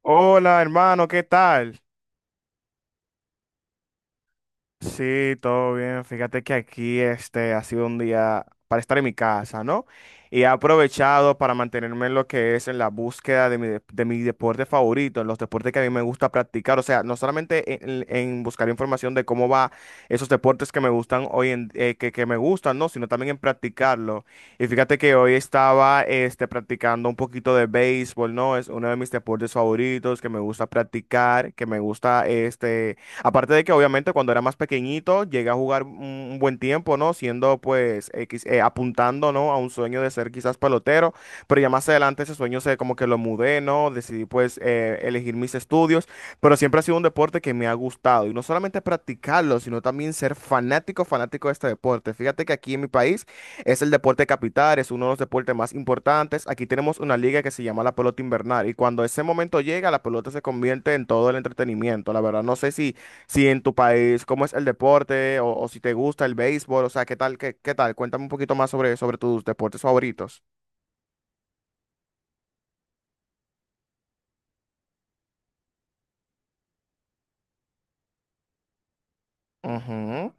Hola, hermano, ¿qué tal? Sí, todo bien. Fíjate que aquí ha sido un día para estar en mi casa, ¿no? Y he aprovechado para mantenerme en lo que es en la búsqueda de mi deporte favorito, en los deportes que a mí me gusta practicar. O sea, no solamente en buscar información de cómo va esos deportes que me gustan hoy que me gustan, ¿no? Sino también en practicarlo. Y fíjate que hoy estaba practicando un poquito de béisbol, ¿no? Es uno de mis deportes favoritos que me gusta practicar, que me gusta aparte de que obviamente cuando era más pequeñito llegué a jugar un buen tiempo, ¿no? Siendo pues apuntando, ¿no?, a un sueño de ser quizás pelotero, pero ya más adelante ese sueño, se como que lo mudé, ¿no? Decidí pues elegir mis estudios, pero siempre ha sido un deporte que me ha gustado y no solamente practicarlo, sino también ser fanático, fanático de este deporte. Fíjate que aquí en mi país es el deporte capital, es uno de los deportes más importantes. Aquí tenemos una liga que se llama la pelota invernal y cuando ese momento llega, la pelota se convierte en todo el entretenimiento. La verdad, no sé si en tu país cómo es el deporte, o si te gusta el béisbol, o sea, ¿qué tal, qué tal? Cuéntame un poquito más sobre tus deportes favoritos. Ujú.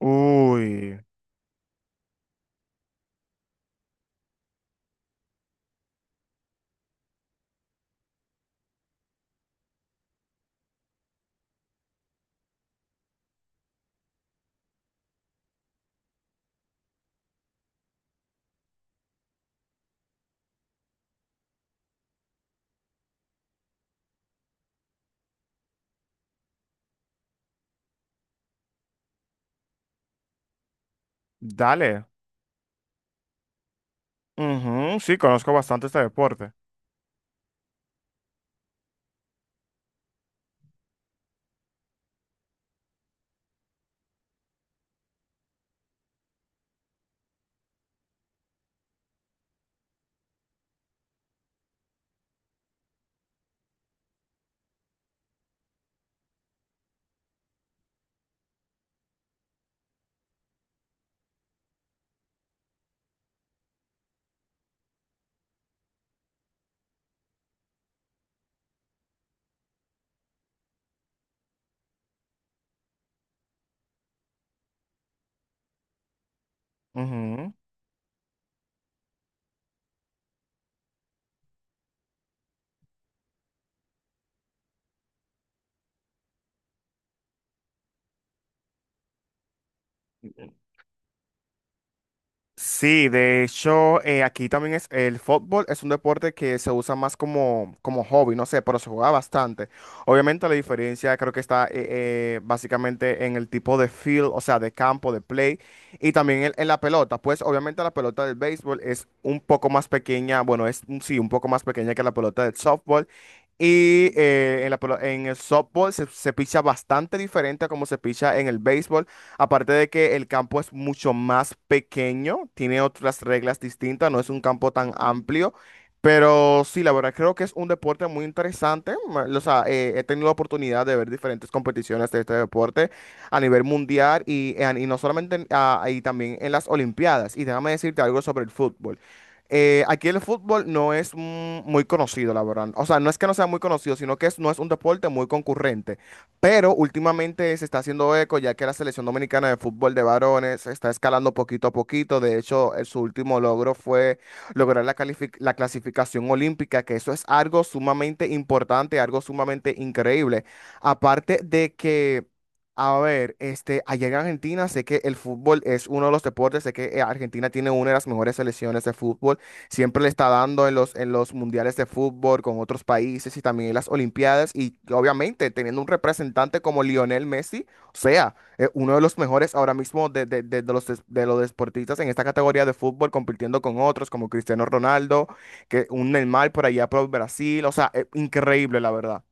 Uy, dale. Ujú. Sí, conozco bastante este deporte. Ujú. Sí, de hecho, aquí también es el fútbol, es un deporte que se usa más como, como hobby, no sé, pero se juega bastante. Obviamente la diferencia creo que está básicamente en el tipo de field, o sea, de campo, de play, y también en la pelota. Pues obviamente la pelota del béisbol es un poco más pequeña, bueno, es sí, un poco más pequeña que la pelota del softball. Y en la en el softball se, se picha bastante diferente a como se picha en el béisbol. Aparte de que el campo es mucho más pequeño, tiene otras reglas distintas, no es un campo tan amplio. Pero sí, la verdad creo que es un deporte muy interesante. O sea, he tenido la oportunidad de ver diferentes competiciones de este deporte a nivel mundial y en- y no solamente en- ah, y también en las Olimpiadas. Y déjame decirte algo sobre el fútbol. Aquí el fútbol no es muy conocido, la verdad. O sea, no es que no sea muy conocido, sino no es un deporte muy concurrente. Pero últimamente se está haciendo eco, ya que la selección dominicana de fútbol de varones está escalando poquito a poquito. De hecho, su último logro fue lograr la clasificación olímpica, que eso es algo sumamente importante, algo sumamente increíble. Aparte de que, a ver, allá en Argentina sé que el fútbol es uno de los deportes, sé que Argentina tiene una de las mejores selecciones de fútbol, siempre le está dando en en los mundiales de fútbol con otros países y también en las Olimpiadas y obviamente teniendo un representante como Lionel Messi, o sea, uno de los mejores ahora mismo de los deportistas en esta categoría de fútbol, compitiendo con otros como Cristiano Ronaldo, que un Neymar por allá por Brasil, o sea, increíble la verdad.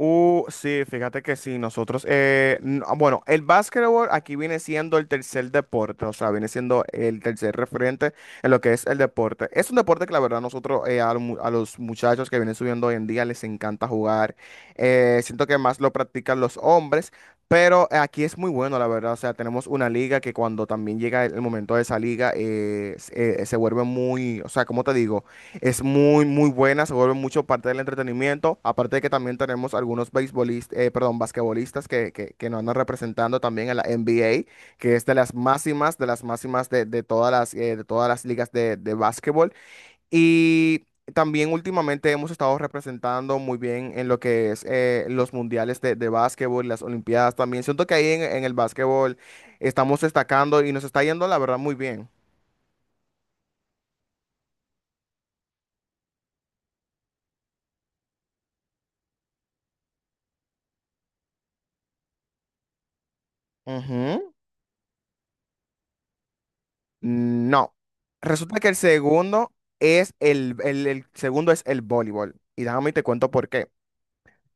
Sí, fíjate que sí, nosotros, bueno, el básquetbol aquí viene siendo el tercer deporte, o sea, viene siendo el tercer referente en lo que es el deporte. Es un deporte que la verdad nosotros, a los muchachos que vienen subiendo hoy en día les encanta jugar, siento que más lo practican los hombres, pero aquí es muy bueno, la verdad, o sea, tenemos una liga que cuando también llega el momento de esa liga, se vuelve muy, o sea, ¿cómo te digo? Es muy, muy buena, se vuelve mucho parte del entretenimiento. Aparte de que también tenemos algunos beisbolistas, perdón, basquetbolistas que nos andan representando también en la NBA, que es de las máximas, de todas de todas las ligas de básquetbol. Y también últimamente hemos estado representando muy bien en lo que es los mundiales de básquetbol, las olimpiadas también. Siento que ahí en el básquetbol estamos destacando y nos está yendo, la verdad, muy bien. Ujú. No. Resulta que el segundo es el segundo es el voleibol. Y déjame y te cuento por qué.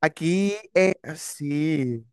Aquí, sí.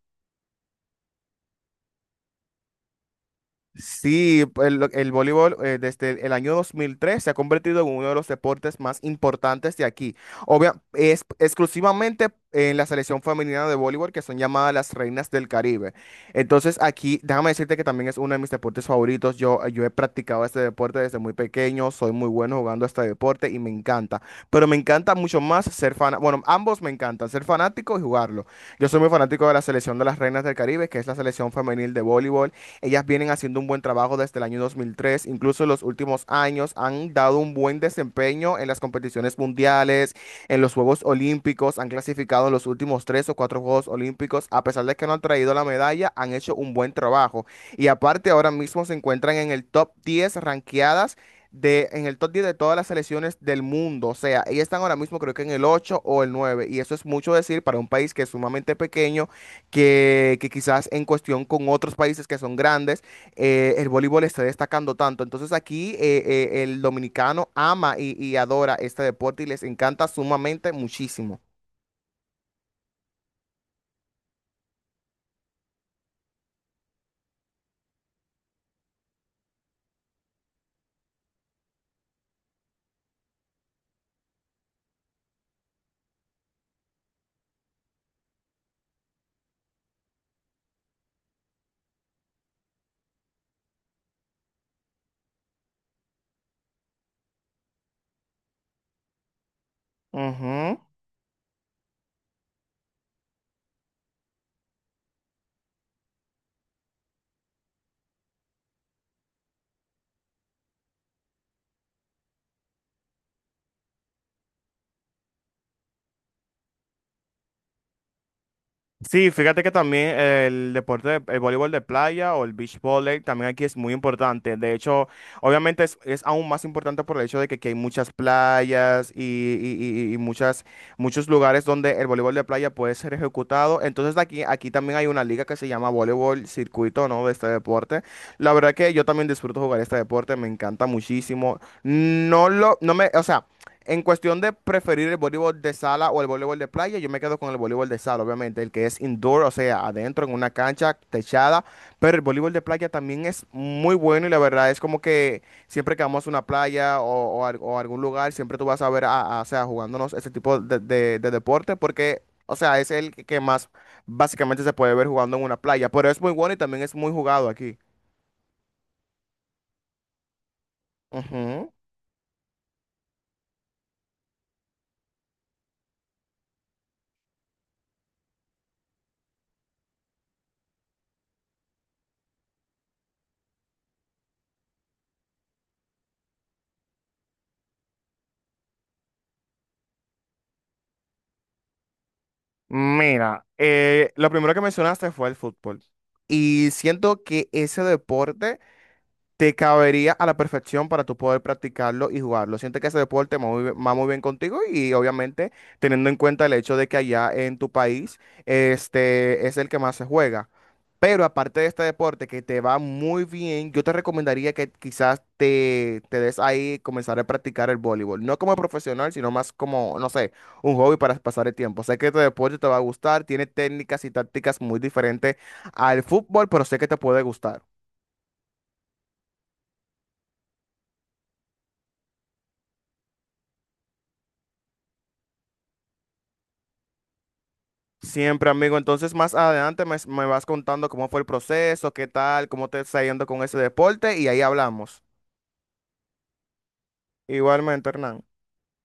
Sí, el voleibol desde el año 2003 se ha convertido en uno de los deportes más importantes de aquí. Obvia, es exclusivamente en la selección femenina de voleibol que son llamadas las reinas del Caribe. Entonces aquí, déjame decirte que también es uno de mis deportes favoritos. Yo he practicado este deporte desde muy pequeño, soy muy bueno jugando este deporte y me encanta. Pero me encanta mucho más ser fan. Bueno, ambos me encantan, ser fanático y jugarlo. Yo soy muy fanático de la selección de las reinas del Caribe, que es la selección femenil de voleibol. Ellas vienen haciendo un buen trabajo desde el año 2003, incluso en los últimos años han dado un buen desempeño en las competiciones mundiales, en los Juegos Olímpicos, han clasificado en los últimos tres o cuatro Juegos Olímpicos, a pesar de que no han traído la medalla, han hecho un buen trabajo. Y aparte ahora mismo se encuentran en el top 10 ranqueadas en el top 10 de todas las selecciones del mundo. O sea, ellas están ahora mismo creo que en el 8 o el nueve. Y eso es mucho decir para un país que es sumamente pequeño, que quizás en cuestión con otros países que son grandes, el voleibol esté destacando tanto. Entonces aquí el dominicano ama y adora este deporte y les encanta sumamente muchísimo. Ujú. Sí, fíjate que también el deporte, el voleibol de playa o el beach volley también aquí es muy importante. De hecho, obviamente es aún más importante por el hecho de que aquí hay muchas playas y- y- y muchas, muchos lugares donde el voleibol de playa puede ser ejecutado. Entonces aquí, aquí también hay una liga que se llama voleibol circuito, ¿no? De este deporte. La verdad que yo también disfruto jugar este deporte, me encanta muchísimo. No lo, no me, o sea, en cuestión de preferir el voleibol de sala o el voleibol de playa, yo me quedo con el voleibol de sala, obviamente, el que es indoor, o sea, adentro en una cancha techada, pero el voleibol de playa también es muy bueno y la verdad es como que siempre que vamos a una playa o a algún lugar, siempre tú vas a ver o sea, jugándonos ese tipo de deporte porque, o sea, es el que más básicamente se puede ver jugando en una playa, pero es muy bueno y también es muy jugado aquí. Ujú. Mira, lo primero que mencionaste fue el fútbol. Y siento que ese deporte te cabería a la perfección para tú poder practicarlo y jugarlo. Siento que ese deporte va muy bien contigo y obviamente teniendo en cuenta el hecho de que allá en tu país es el que más se juega. Pero aparte de este deporte que te va muy bien, yo te recomendaría que quizás te des ahí comenzar a practicar el voleibol. No como profesional, sino más como, no sé, un hobby para pasar el tiempo. Sé que este deporte te va a gustar, tiene técnicas y tácticas muy diferentes al fútbol, pero sé que te puede gustar. Siempre, amigo. Entonces, más adelante me vas contando cómo fue el proceso, qué tal, cómo te está yendo con ese deporte y ahí hablamos. Igualmente, Hernán.